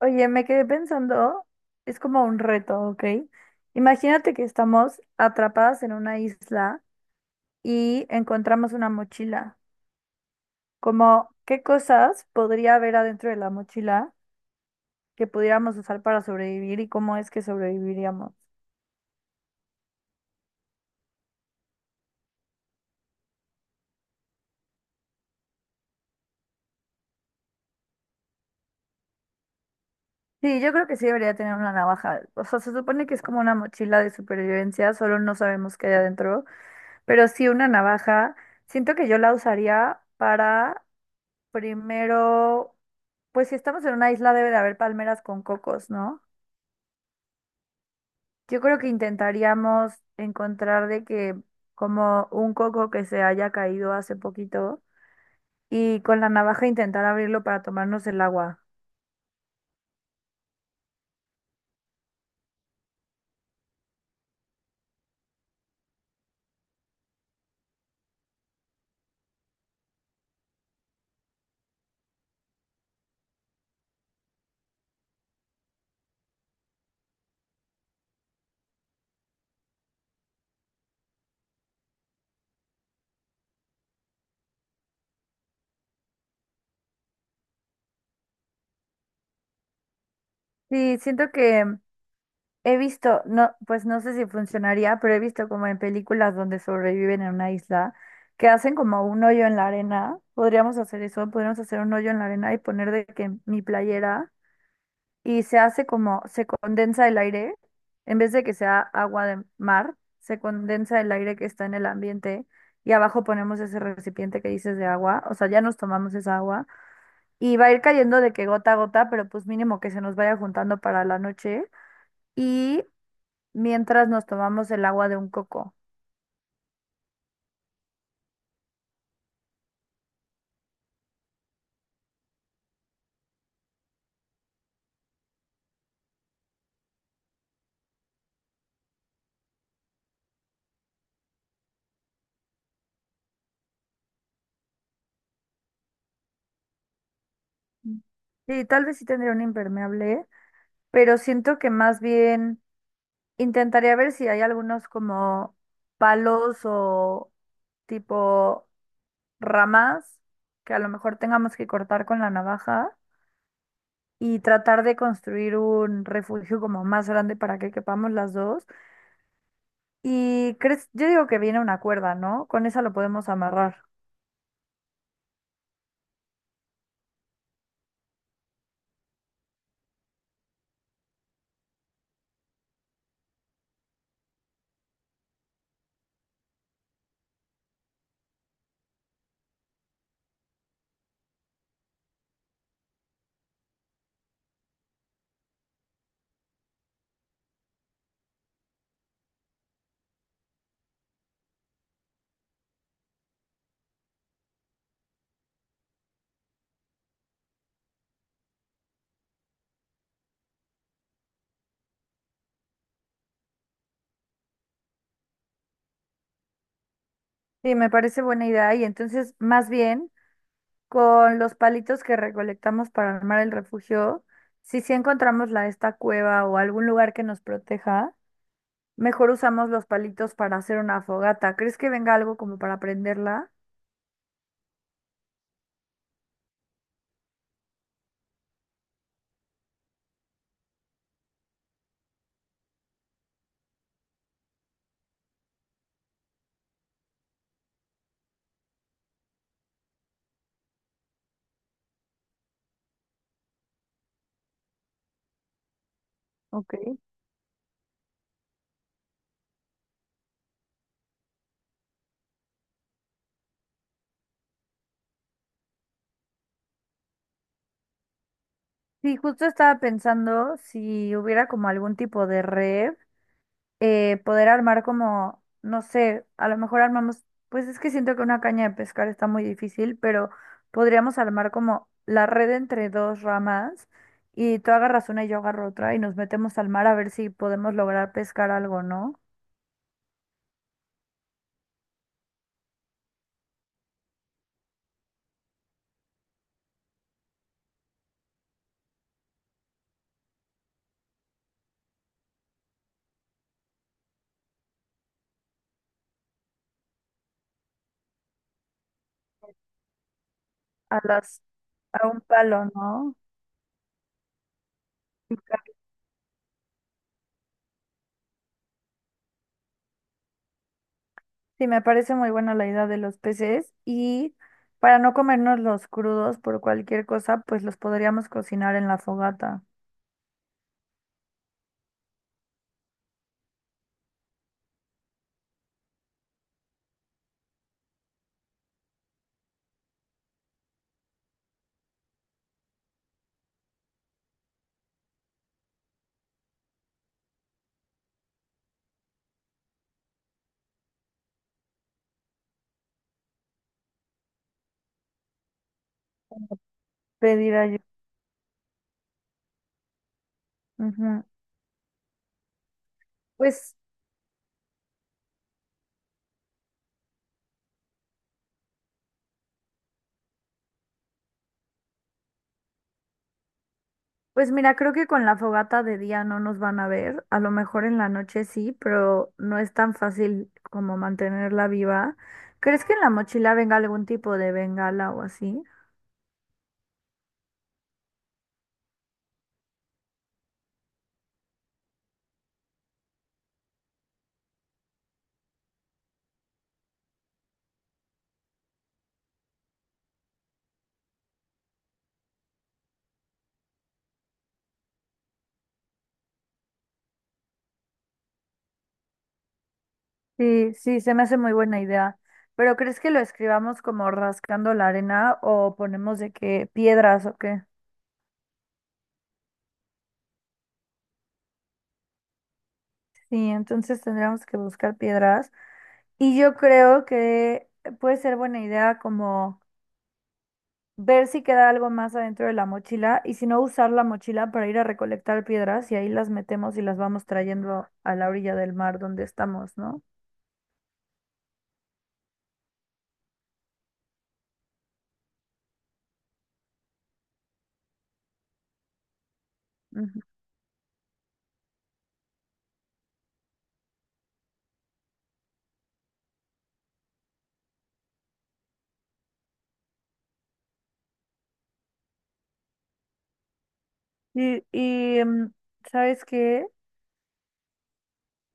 Oye, me quedé pensando, es como un reto, ¿ok? Imagínate que estamos atrapadas en una isla y encontramos una mochila. Como, ¿qué cosas podría haber adentro de la mochila que pudiéramos usar para sobrevivir y cómo es que sobreviviríamos? Sí, yo creo que sí debería tener una navaja. O sea, se supone que es como una mochila de supervivencia, solo no sabemos qué hay adentro, pero sí una navaja. Siento que yo la usaría para primero, pues si estamos en una isla debe de haber palmeras con cocos, ¿no? Yo creo que intentaríamos encontrar de que como un coco que se haya caído hace poquito y con la navaja intentar abrirlo para tomarnos el agua. Sí, siento que he visto, no, pues no sé si funcionaría, pero he visto como en películas donde sobreviven en una isla que hacen como un hoyo en la arena. Podríamos hacer eso, podríamos hacer un hoyo en la arena y poner de que mi playera. Y se hace como, se condensa el aire, en vez de que sea agua de mar, se condensa el aire que está en el ambiente y abajo ponemos ese recipiente que dices de agua, o sea, ya nos tomamos esa agua y va a ir cayendo de que gota a gota, pero pues mínimo que se nos vaya juntando para la noche y mientras nos tomamos el agua de un coco. Sí, tal vez sí tendría un impermeable, pero siento que más bien intentaría ver si hay algunos como palos o tipo ramas que a lo mejor tengamos que cortar con la navaja y tratar de construir un refugio como más grande para que quepamos las dos. Y crees, yo digo que viene una cuerda, ¿no? Con esa lo podemos amarrar. Sí, me parece buena idea. Y entonces, más bien, con los palitos que recolectamos para armar el refugio, si sí encontramos la esta cueva o algún lugar que nos proteja, mejor usamos los palitos para hacer una fogata. ¿Crees que venga algo como para prenderla? Ok. Sí, justo estaba pensando si hubiera como algún tipo de red, poder armar como, no sé, a lo mejor armamos, pues es que siento que una caña de pescar está muy difícil, pero podríamos armar como la red entre dos ramas y tú agarras una y yo agarro otra y nos metemos al mar a ver si podemos lograr pescar algo, ¿no? A las, a un palo, ¿no? Sí, me parece muy buena la idea de los peces y para no comernos los crudos por cualquier cosa, pues los podríamos cocinar en la fogata, pedir ayuda. Ujú. Pues, pues mira, creo que con la fogata de día no nos van a ver, a lo mejor en la noche sí, pero no es tan fácil como mantenerla viva. ¿Crees que en la mochila venga algún tipo de bengala o así? Sí, sí, se me hace muy buena idea. Pero ¿crees que lo escribamos como rascando la arena o ponemos de qué piedras o qué? Sí, entonces tendríamos que buscar piedras. Y yo creo que puede ser buena idea como ver si queda algo más adentro de la mochila y si no usar la mochila para ir a recolectar piedras y ahí las metemos y las vamos trayendo a la orilla del mar donde estamos, ¿no? Ujú. Y, ¿sabes qué?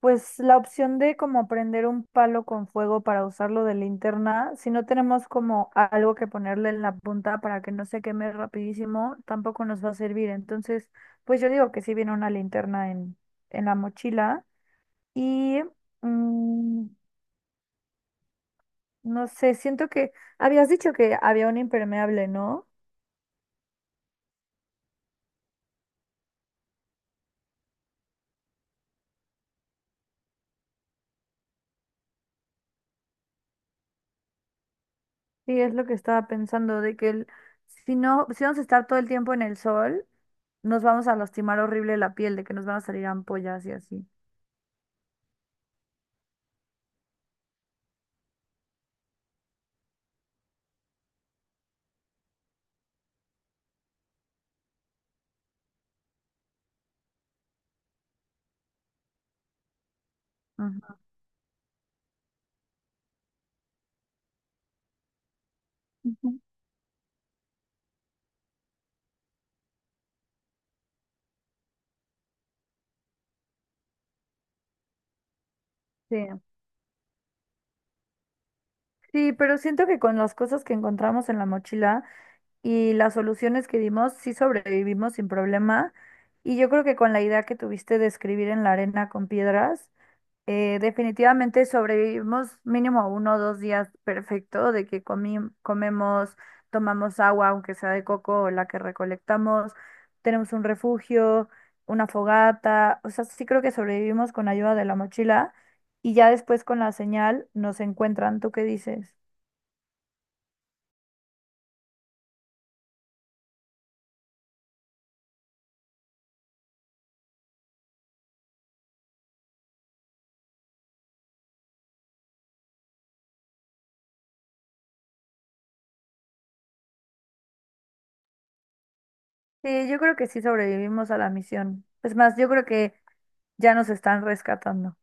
Pues la opción de como prender un palo con fuego para usarlo de linterna, si no tenemos como algo que ponerle en la punta para que no se queme rapidísimo, tampoco nos va a servir. Entonces, pues yo digo que sí viene una linterna en la mochila y mm, no sé, siento que habías dicho que había un impermeable, ¿no? Sí, es lo que estaba pensando, de que el- si no, si vamos a estar todo el tiempo en el sol, nos vamos a lastimar horrible la piel, de que nos van a salir ampollas y así. Ujú. Sí. Sí, pero siento que con las cosas que encontramos en la mochila y las soluciones que dimos, sí sobrevivimos sin problema. Y yo creo que con la idea que tuviste de escribir en la arena con piedras, definitivamente sobrevivimos mínimo uno o dos días perfecto de que comemos, tomamos agua, aunque sea de coco o la que recolectamos, tenemos un refugio, una fogata, o sea, sí creo que sobrevivimos con ayuda de la mochila y ya después con la señal nos encuentran. ¿Tú qué dices? Sí, yo creo que sí sobrevivimos a la misión. Es más, yo creo que ya nos están rescatando.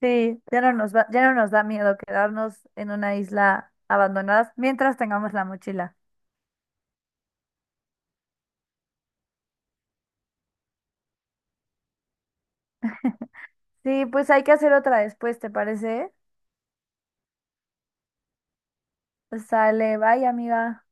Sí, ya no nos va, ya no nos da miedo quedarnos en una isla abandonada mientras tengamos la mochila. Sí, pues hay que hacer otra después, ¿te parece? Pues sale, bye, amiga.